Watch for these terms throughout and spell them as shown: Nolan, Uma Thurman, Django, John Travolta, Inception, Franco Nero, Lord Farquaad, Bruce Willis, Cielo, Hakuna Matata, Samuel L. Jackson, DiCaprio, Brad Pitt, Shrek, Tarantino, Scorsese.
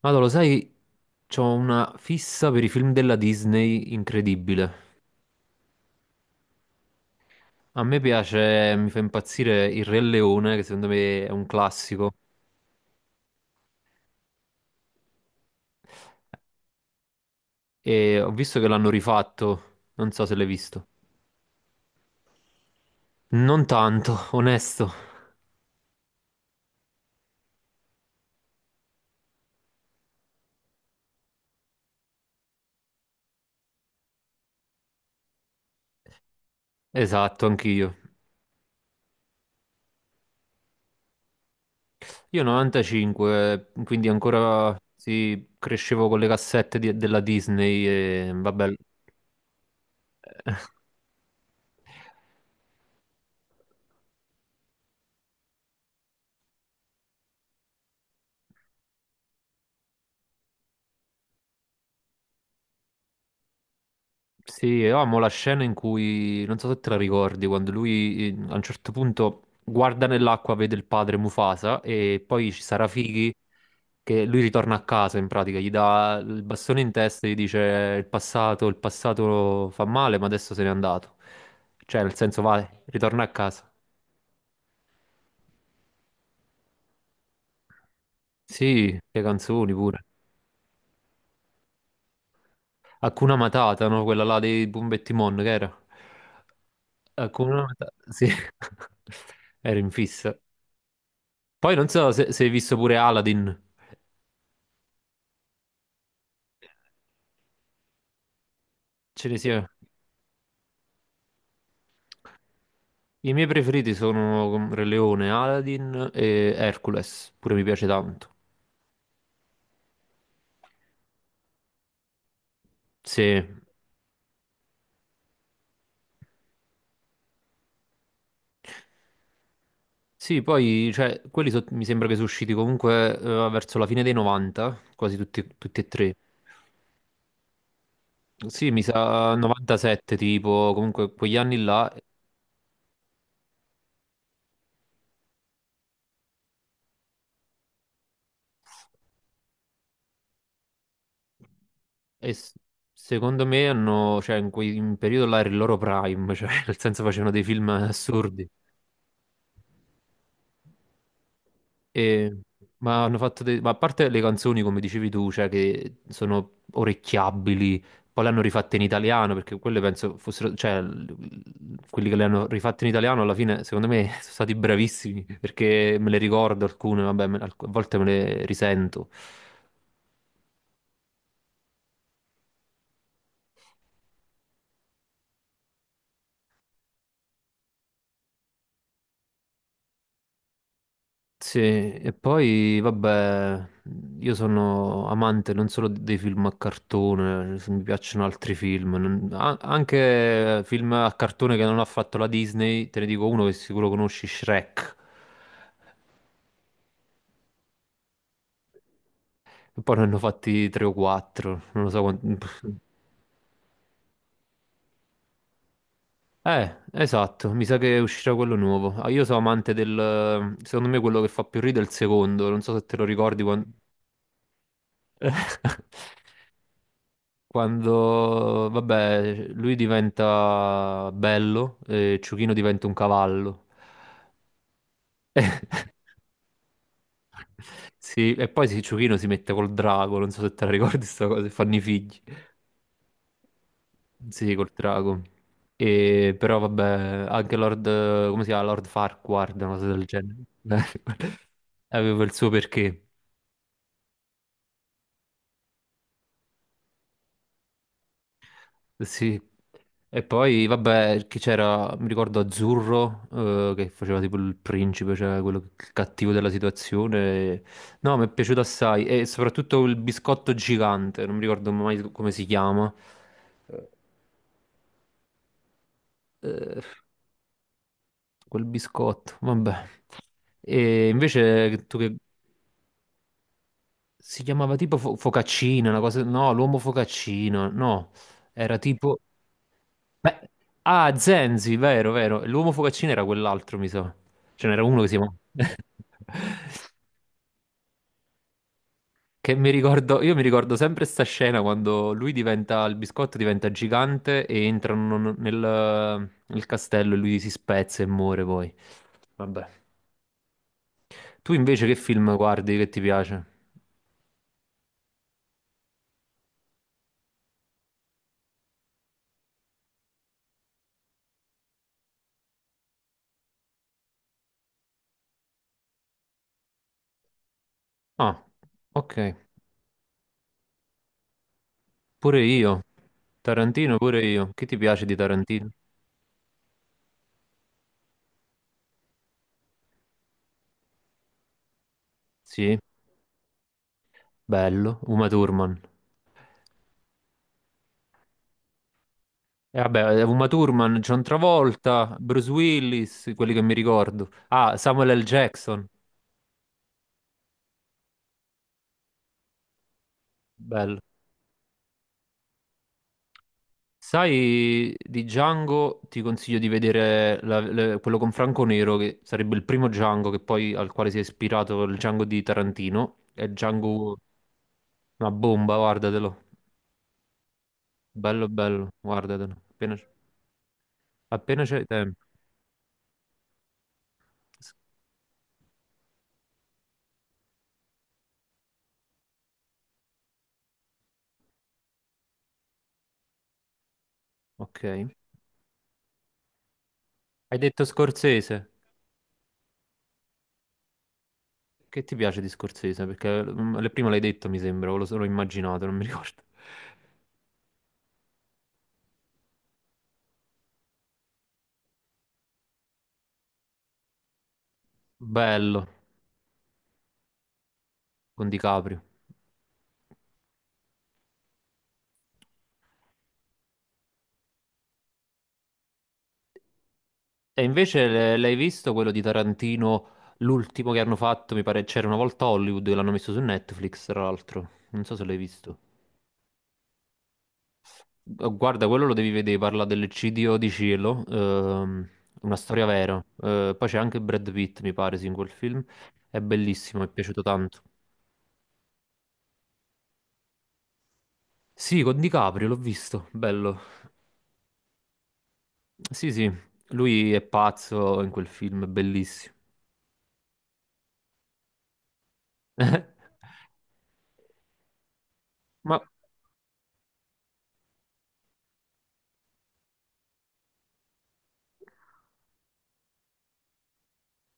Allora, lo sai, c'ho una fissa per i film della Disney incredibile. A me piace, mi fa impazzire Il Re Leone, che secondo me è un classico, e ho visto che l'hanno rifatto, non so se l'hai visto. Non tanto, onesto. Esatto, anch'io. Io 95, quindi ancora sì, crescevo con le cassette della Disney e vabbè. Sì, io amo la scena in cui, non so se te la ricordi, quando lui a un certo punto guarda nell'acqua, vede il padre Mufasa e poi ci sarà Fighi che lui ritorna a casa in pratica, gli dà il bastone in testa e gli dice il passato fa male, ma adesso se n'è andato. Cioè, nel senso, vai, ritorna a casa. Sì, le canzoni pure. Hakuna Matata, no? Quella là dei Bumba e Timon, che era? Hakuna Matata, sì. Ero in fissa. Poi non so se, se hai visto pure Aladdin. Ce ne sia. I miei preferiti sono Re Leone, Aladdin e Hercules. Pure mi piace tanto. Sì. Sì, poi cioè, mi sembra che sono usciti comunque verso la fine dei 90, quasi tutti, tutti e tre. Sì, mi sa 97 tipo, comunque quegli anni là. E s- secondo me hanno, cioè in quel periodo là era il loro prime, cioè nel senso facevano dei film assurdi. E- ma hanno fatto ma a parte le canzoni, come dicevi tu, cioè che sono orecchiabili, poi le hanno rifatte in italiano, perché quelle penso fossero, cioè, quelli che le hanno rifatte in italiano alla fine, secondo me, sono stati bravissimi, perché me le ricordo alcune, vabbè, a volte me le risento. Sì, e poi vabbè, io sono amante non solo dei film a cartone, se mi piacciono altri film, anche film a cartone che non ha fatto la Disney, te ne dico uno che sicuro conosci, Shrek, e poi ne hanno fatti tre o quattro, non lo so quanti... esatto, mi sa che uscirà quello nuovo. Ah, io sono amante del... secondo me quello che fa più ridere è il secondo, non so se te lo ricordi quando... Quando, vabbè, lui diventa bello e Ciuchino diventa un cavallo. E, sì, e poi sì, Ciuchino si mette col drago, non so se te la ricordi sta cosa, e fanno i figli. Sì, col drago. E, però vabbè, anche Lord, come si chiama? Lord Farquaad, una cosa del genere. Aveva il suo perché. Sì. E poi, vabbè, che c'era, mi ricordo Azzurro, che faceva tipo il principe, cioè il cattivo della situazione. No, mi è piaciuto assai. E soprattutto il biscotto gigante, non mi ricordo mai come si chiama. Eh, eh, quel biscotto, vabbè. E invece tu che... Si chiamava tipo Focaccino, una cosa... No, l'uomo Focaccino, no. Era tipo... Beh, ah, Zenzi, vero, vero. L'uomo focaccino era quell'altro, mi sa. Ce n'era uno che si chiamava... Che mi ricordo, io mi ricordo sempre sta scena quando lui diventa, il biscotto diventa gigante e entrano nel, nel castello e lui si spezza e muore poi. Vabbè. Tu invece che film guardi che ti piace? Ah, ok. Pure io. Tarantino, pure io. Che ti piace di Tarantino? Sì, bello. Uma Thurman. E vabbè, Uma Thurman, John Travolta, Bruce Willis, quelli che mi ricordo. Ah, Samuel L. Jackson, bello. Sai, di Django ti consiglio di vedere quello con Franco Nero, che sarebbe il primo Django che poi, al quale si è ispirato il Django di Tarantino. È Django una bomba, guardatelo. Bello, bello, guardatelo. Appena, appena c'è tempo. Ok. Hai detto Scorsese? Che ti piace di Scorsese? Perché mm, prima l'hai detto, mi sembra, o l'ho immaginato, non mi ricordo. Bello, con DiCaprio. E invece l'hai visto quello di Tarantino, l'ultimo che hanno fatto, mi pare, c'era una volta a Hollywood, l'hanno messo su Netflix, tra l'altro. Non so se l'hai visto. Guarda, quello lo devi vedere, parla dell'eccidio di Cielo, una storia vera. Poi c'è anche Brad Pitt, mi pare, sì, in quel film. È bellissimo, mi è piaciuto tanto. Sì, con DiCaprio l'ho visto, bello. Sì, sì, lui è pazzo in quel film, è bellissimo. Ma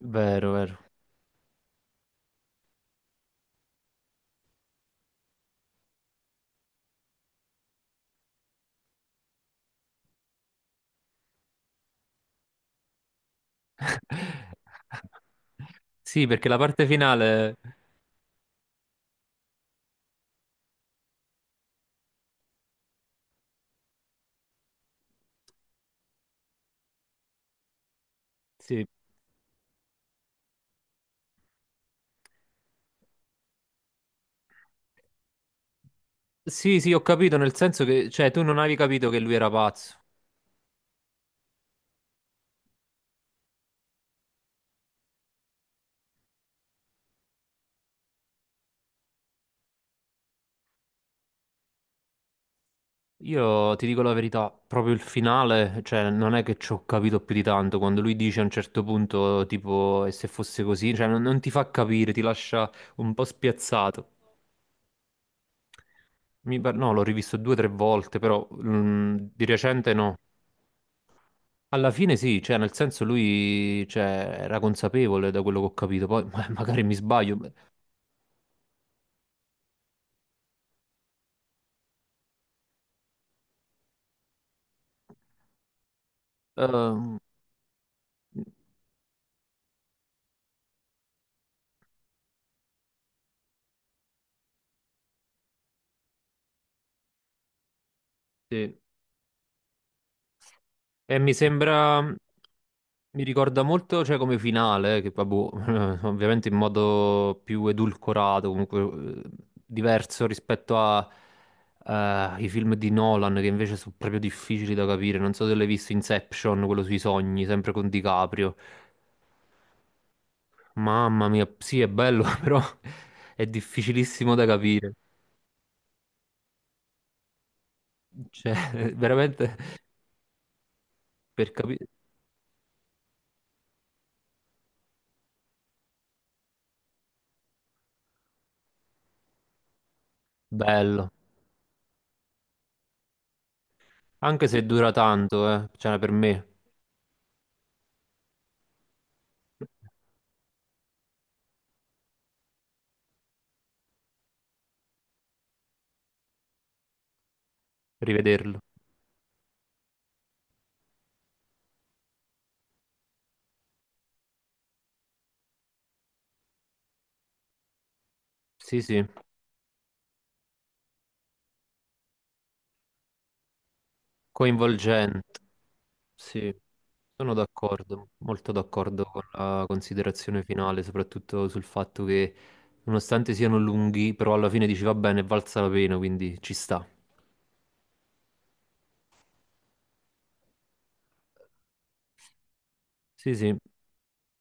vero, vero. Sì, perché la parte finale. Sì. Sì, sì, ho capito, nel senso che, cioè, tu non avevi capito che lui era pazzo. Io ti dico la verità, proprio il finale, cioè, non è che ci ho capito più di tanto, quando lui dice a un certo punto, tipo, e se fosse così, cioè, non, non ti fa capire, ti lascia un po' spiazzato. No, l'ho rivisto due o tre volte, però mm, di recente no. Alla fine sì, cioè nel senso lui era consapevole da quello che ho capito, poi magari mi sbaglio. Eh, sì. E mi sembra, mi ricorda molto cioè, come finale, che vabbè, ovviamente in modo più edulcorato, comunque diverso rispetto a, ai film di Nolan, che invece sono proprio difficili da capire. Non so se l'hai visto Inception, quello sui sogni, sempre con DiCaprio. Mamma mia, sì, è bello, però è difficilissimo da capire. Cioè, veramente per capire. Bello. Anche se dura tanto, eh. Cioè, per me, rivederlo. Sì, sì, coinvolgente. Sì, sono d'accordo, molto d'accordo con la considerazione finale, soprattutto sul fatto che, nonostante siano lunghi, però alla fine dici va bene, è valsa la pena, quindi ci sta. Sì, sì.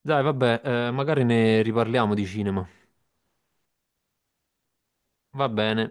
Dai, vabbè, magari ne riparliamo di cinema. Va bene.